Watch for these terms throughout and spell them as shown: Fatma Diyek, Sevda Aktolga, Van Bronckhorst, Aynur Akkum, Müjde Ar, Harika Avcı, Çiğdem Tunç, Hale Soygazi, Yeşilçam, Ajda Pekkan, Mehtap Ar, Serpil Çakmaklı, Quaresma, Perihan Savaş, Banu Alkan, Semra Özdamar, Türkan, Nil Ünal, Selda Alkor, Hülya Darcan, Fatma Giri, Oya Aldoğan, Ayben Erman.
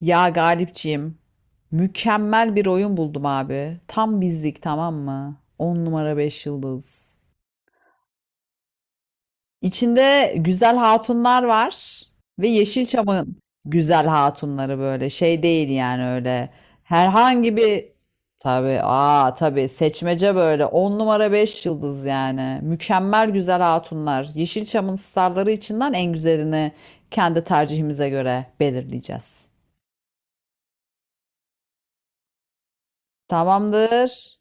Ya Galipciğim, mükemmel bir oyun buldum abi. Tam bizlik tamam mı? 10 numara 5 yıldız. İçinde güzel hatunlar var ve Yeşilçam'ın güzel hatunları böyle şey değil yani öyle. Herhangi bir tabii tabii seçmece böyle 10 numara 5 yıldız yani. Mükemmel güzel hatunlar. Yeşilçam'ın starları içinden en güzelini kendi tercihimize göre belirleyeceğiz. Tamamdır.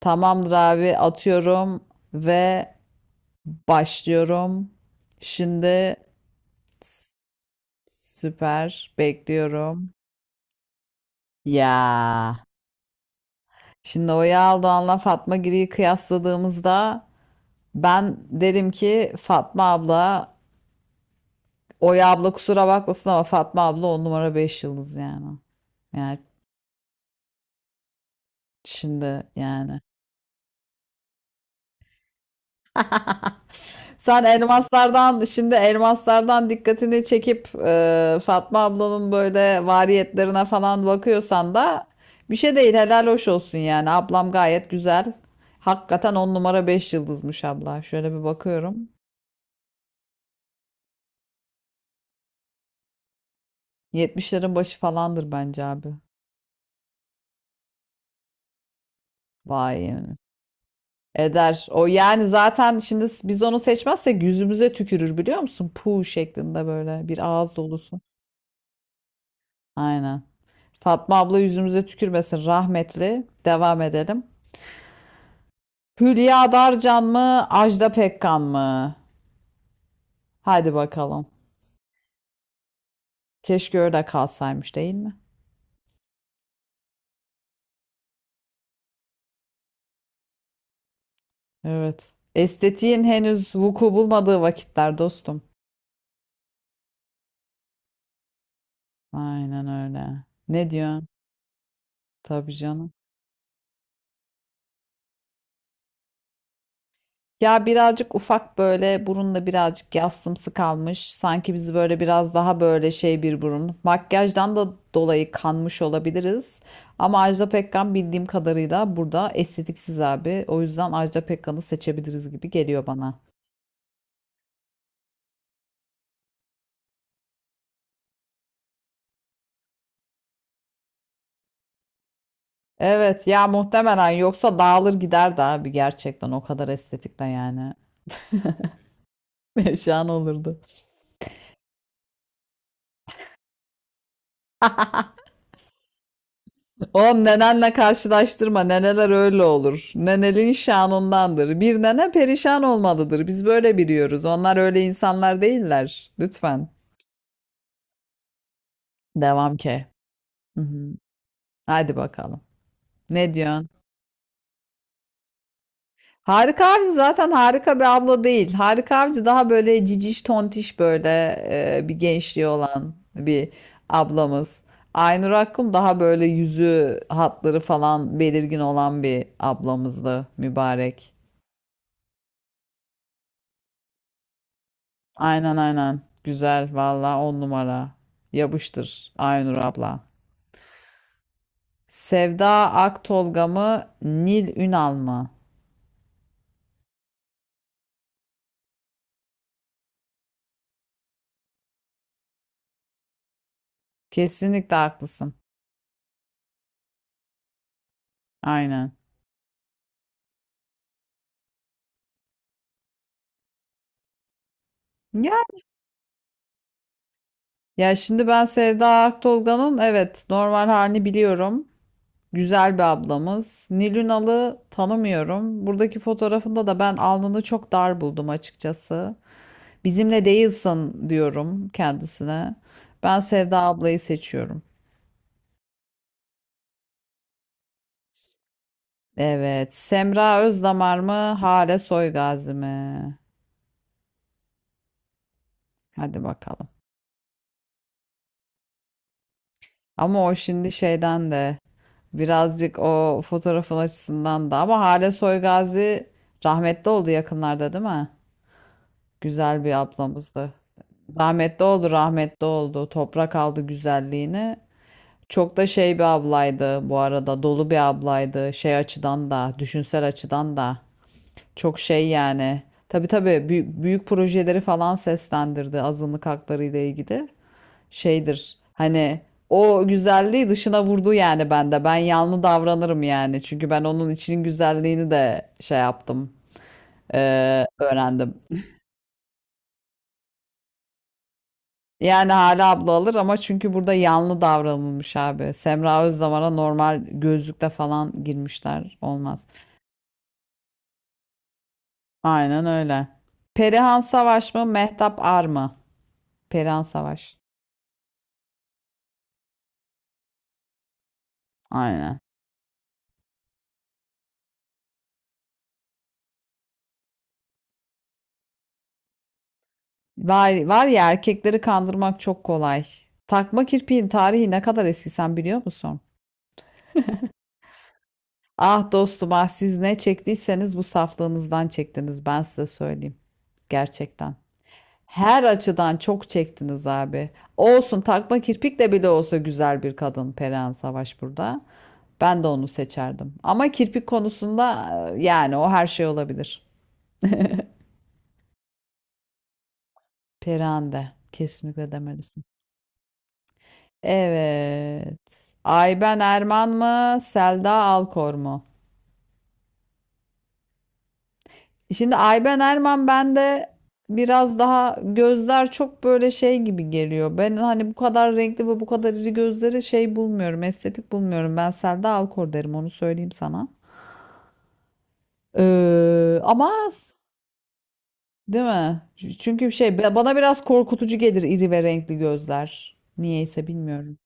Tamamdır abi atıyorum ve başlıyorum. Şimdi süper bekliyorum. Ya şimdi Oya Aldoğan'la Fatma Giri'yi kıyasladığımızda ben derim ki Fatma abla, Oya abla kusura bakmasın ama Fatma abla on numara beş yıldız yani. Yani şimdi yani. Sen elmaslardan şimdi elmaslardan dikkatini çekip Fatma ablanın böyle variyetlerine falan bakıyorsan da bir şey değil, helal hoş olsun yani, ablam gayet güzel. Hakikaten 10 numara 5 yıldızmış abla. Şöyle bir bakıyorum. 70'lerin başı falandır bence abi. Vay yani. Eder. O yani zaten şimdi biz onu seçmezsek yüzümüze tükürür biliyor musun? Puh şeklinde böyle bir ağız dolusu. Aynen. Fatma abla yüzümüze tükürmesin rahmetli. Devam edelim. Hülya Darcan mı, Ajda Pekkan mı? Hadi bakalım. Keşke öyle kalsaymış değil mi? Evet. Estetiğin henüz vuku bulmadığı vakitler dostum. Aynen öyle. Ne diyorsun? Tabii canım. Ya birazcık ufak böyle burunla birazcık yassımsı kalmış. Sanki bizi böyle biraz daha böyle şey bir burun. Makyajdan da dolayı kanmış olabiliriz. Ama Ajda Pekkan bildiğim kadarıyla burada estetiksiz abi. O yüzden Ajda Pekkan'ı seçebiliriz gibi geliyor bana. Evet ya muhtemelen yoksa dağılır giderdi abi, gerçekten o kadar estetikle yani. Şan olurdu. Oğlum nenenle karşılaştırma. Neneler öyle olur. Nenelin şanındandır. Bir nene perişan olmalıdır. Biz böyle biliyoruz. Onlar öyle insanlar değiller. Lütfen. Devam ki. Hı hı. Hadi bakalım. Ne diyorsun? Harika Avcı zaten harika bir abla değil. Harika Avcı daha böyle ciciş tontiş böyle bir gençliği olan bir ablamız. Aynur Akkum daha böyle yüzü hatları falan belirgin olan bir ablamızdı mübarek. Aynen aynen. Güzel valla on numara. Yapıştır Aynur abla. Sevda Aktolga mı Nil Ünal mı? Kesinlikle haklısın. Aynen. Ya Ya şimdi ben Sevda Aktolga'nın evet normal halini biliyorum. Güzel bir ablamız. Nilünalı tanımıyorum. Buradaki fotoğrafında da ben alnını çok dar buldum açıkçası. Bizimle değilsin diyorum kendisine. Ben Sevda ablayı seçiyorum. Evet. Semra Özdamar mı? Hale Soygazi mi? Hadi bakalım. Ama o şimdi şeyden de birazcık o fotoğrafın açısından da ama Hale Soygazi rahmetli oldu yakınlarda değil mi? Güzel bir ablamızdı. Rahmetli oldu, rahmetli oldu. Toprak aldı güzelliğini. Çok da şey bir ablaydı bu arada. Dolu bir ablaydı. Şey açıdan da, düşünsel açıdan da. Çok şey yani. Tabii tabii büyük projeleri falan seslendirdi azınlık hakları ile ilgili. Şeydir. Hani o güzelliği dışına vurdu yani bende. Ben yanlı davranırım yani. Çünkü ben onun içinin güzelliğini de şey yaptım, öğrendim. Yani hala abla alır ama çünkü burada yanlı davranılmış abi. Semra Özdamar'a normal gözlükle falan girmişler. Olmaz. Aynen öyle. Perihan Savaş mı? Mehtap Ar mı? Perihan Savaş. Aynen. Var, var ya, erkekleri kandırmak çok kolay. Takma kirpiğin tarihi ne kadar eski sen biliyor musun? Ah dostum ah, siz ne çektiyseniz bu saflığınızdan çektiniz, ben size söyleyeyim. Gerçekten. Her açıdan çok çektiniz abi. Olsun, takma kirpik de bile olsa güzel bir kadın Perihan Savaş burada. Ben de onu seçerdim. Ama kirpik konusunda yani o her şey olabilir. Perihan de kesinlikle demelisin. Evet. Ayben Erman mı? Selda Alkor mu? Şimdi Ayben Erman bende biraz daha gözler çok böyle şey gibi geliyor. Ben hani bu kadar renkli ve bu kadar iri gözleri şey bulmuyorum, estetik bulmuyorum. Ben Selda Alkor derim onu söyleyeyim sana. Ama değil mi? Çünkü şey bana biraz korkutucu gelir iri ve renkli gözler. Niyeyse bilmiyorum.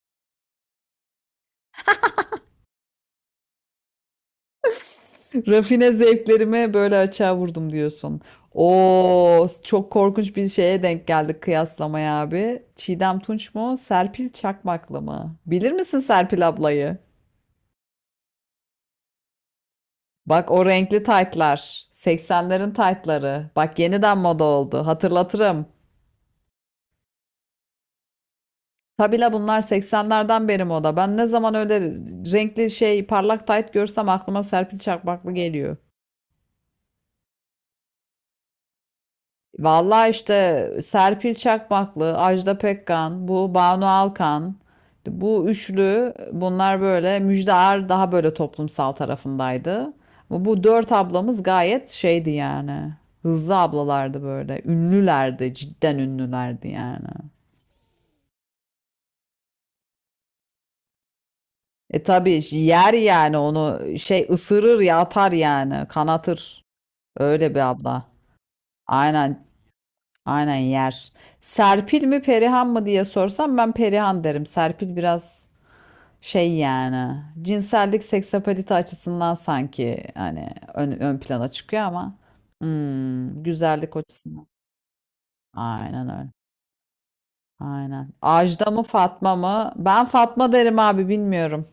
Rafine zevklerime böyle açığa vurdum diyorsun. Oo, çok korkunç bir şeye denk geldik kıyaslamaya abi. Çiğdem Tunç mu? Serpil Çakmaklı mı? Bilir misin Serpil ablayı? Bak o renkli taytlar. 80'lerin taytları. Bak yeniden moda oldu. Hatırlatırım. Tabi la bunlar 80'lerden beri moda. Ben ne zaman öyle renkli şey parlak tayt görsem aklıma Serpil Çakmaklı geliyor. Vallahi işte Serpil Çakmaklı, Ajda Pekkan, bu Banu Alkan, bu üçlü bunlar böyle, Müjde Ar daha böyle toplumsal tarafındaydı. Ama bu dört ablamız gayet şeydi yani. Hızlı ablalardı böyle. Ünlülerdi, cidden ünlülerdi yani. E tabii yer yani, onu şey ısırır ya, atar yani, kanatır. Öyle bir abla. Aynen, aynen yer. Serpil mi Perihan mı diye sorsam ben Perihan derim. Serpil biraz şey yani, cinsellik seksapalite açısından sanki hani ön plana çıkıyor ama hmm, güzellik açısından. Aynen öyle. Aynen. Ajda mı Fatma mı? Ben Fatma derim abi, bilmiyorum.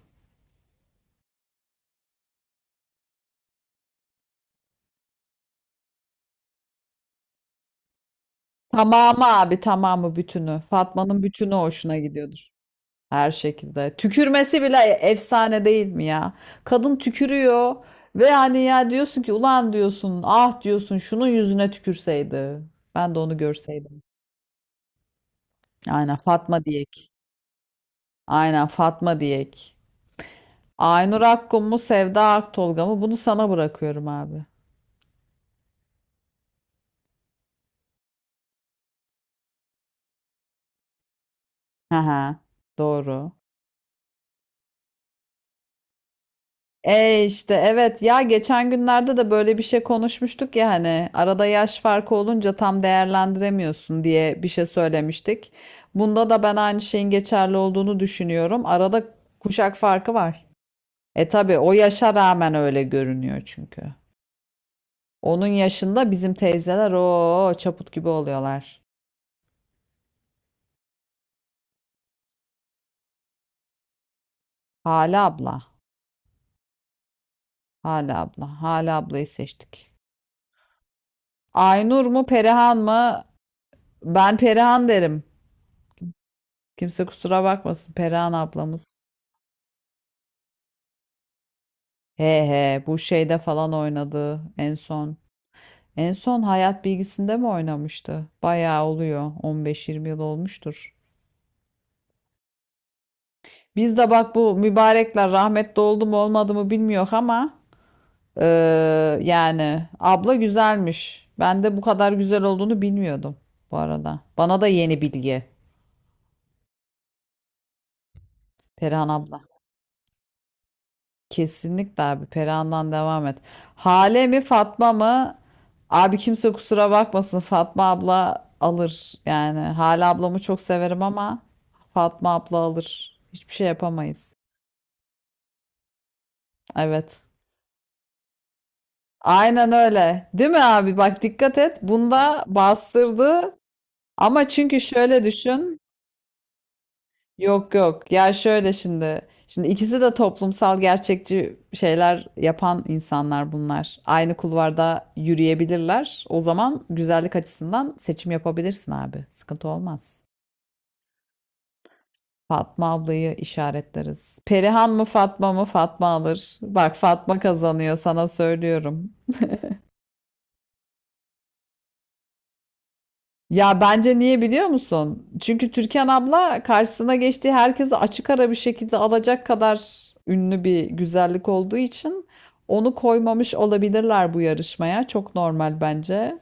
Tamamı abi, tamamı, bütünü. Fatma'nın bütünü hoşuna gidiyordur. Her şekilde. Tükürmesi bile efsane değil mi ya? Kadın tükürüyor ve hani ya diyorsun ki ulan diyorsun ah diyorsun şunun yüzüne tükürseydi. Ben de onu görseydim. Aynen Fatma Diyek. Aynen Fatma Diyek. Aynur Akkum mu Sevda Aktolga mı? Bunu sana bırakıyorum abi. Hı hı. Doğru. E işte evet ya, geçen günlerde de böyle bir şey konuşmuştuk ya, hani arada yaş farkı olunca tam değerlendiremiyorsun diye bir şey söylemiştik. Bunda da ben aynı şeyin geçerli olduğunu düşünüyorum. Arada kuşak farkı var. E tabii o yaşa rağmen öyle görünüyor çünkü. Onun yaşında bizim teyzeler o çaput gibi oluyorlar. Hala abla, hala abla, hala ablayı seçtik. Aynur mu Perihan mı? Ben Perihan derim. Kimse kusura bakmasın, Perihan ablamız. He he, bu şeyde falan oynadı en son. En son hayat bilgisinde mi oynamıştı? Bayağı oluyor. 15-20 yıl olmuştur. Biz de bak bu mübarekler rahmetli oldu mu olmadı mı bilmiyor ama eee, yani abla güzelmiş. Ben de bu kadar güzel olduğunu bilmiyordum bu arada. Bana da yeni bilgi. Perihan abla. Kesinlikle abi Perihan'dan devam et. Hale mi Fatma mı? Abi kimse kusura bakmasın, Fatma abla alır. Yani Hale ablamı çok severim ama Fatma abla alır. Hiçbir şey yapamayız. Evet. Aynen öyle. Değil mi abi? Bak dikkat et. Bunda bastırdı. Ama çünkü şöyle düşün. Yok yok. Ya şöyle şimdi. Şimdi ikisi de toplumsal gerçekçi şeyler yapan insanlar bunlar. Aynı kulvarda yürüyebilirler. O zaman güzellik açısından seçim yapabilirsin abi. Sıkıntı olmaz. Fatma ablayı işaretleriz. Perihan mı Fatma mı? Fatma alır. Bak Fatma kazanıyor sana söylüyorum. Ya bence niye biliyor musun? Çünkü Türkan abla karşısına geçtiği herkesi açık ara bir şekilde alacak kadar ünlü bir güzellik olduğu için onu koymamış olabilirler bu yarışmaya. Çok normal bence.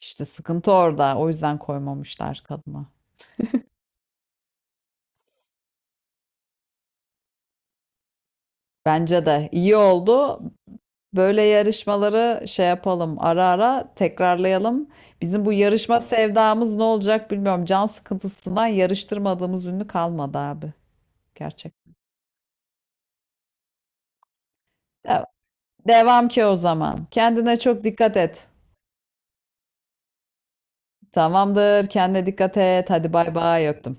İşte sıkıntı orada. O yüzden koymamışlar kadına. Bence de iyi oldu. Böyle yarışmaları şey yapalım, ara ara tekrarlayalım. Bizim bu yarışma sevdamız ne olacak bilmiyorum. Can sıkıntısından yarıştırmadığımız ünlü kalmadı abi. Gerçek. Devam ki o zaman. Kendine çok dikkat et. Tamamdır. Kendine dikkat et. Hadi bay bay öptüm.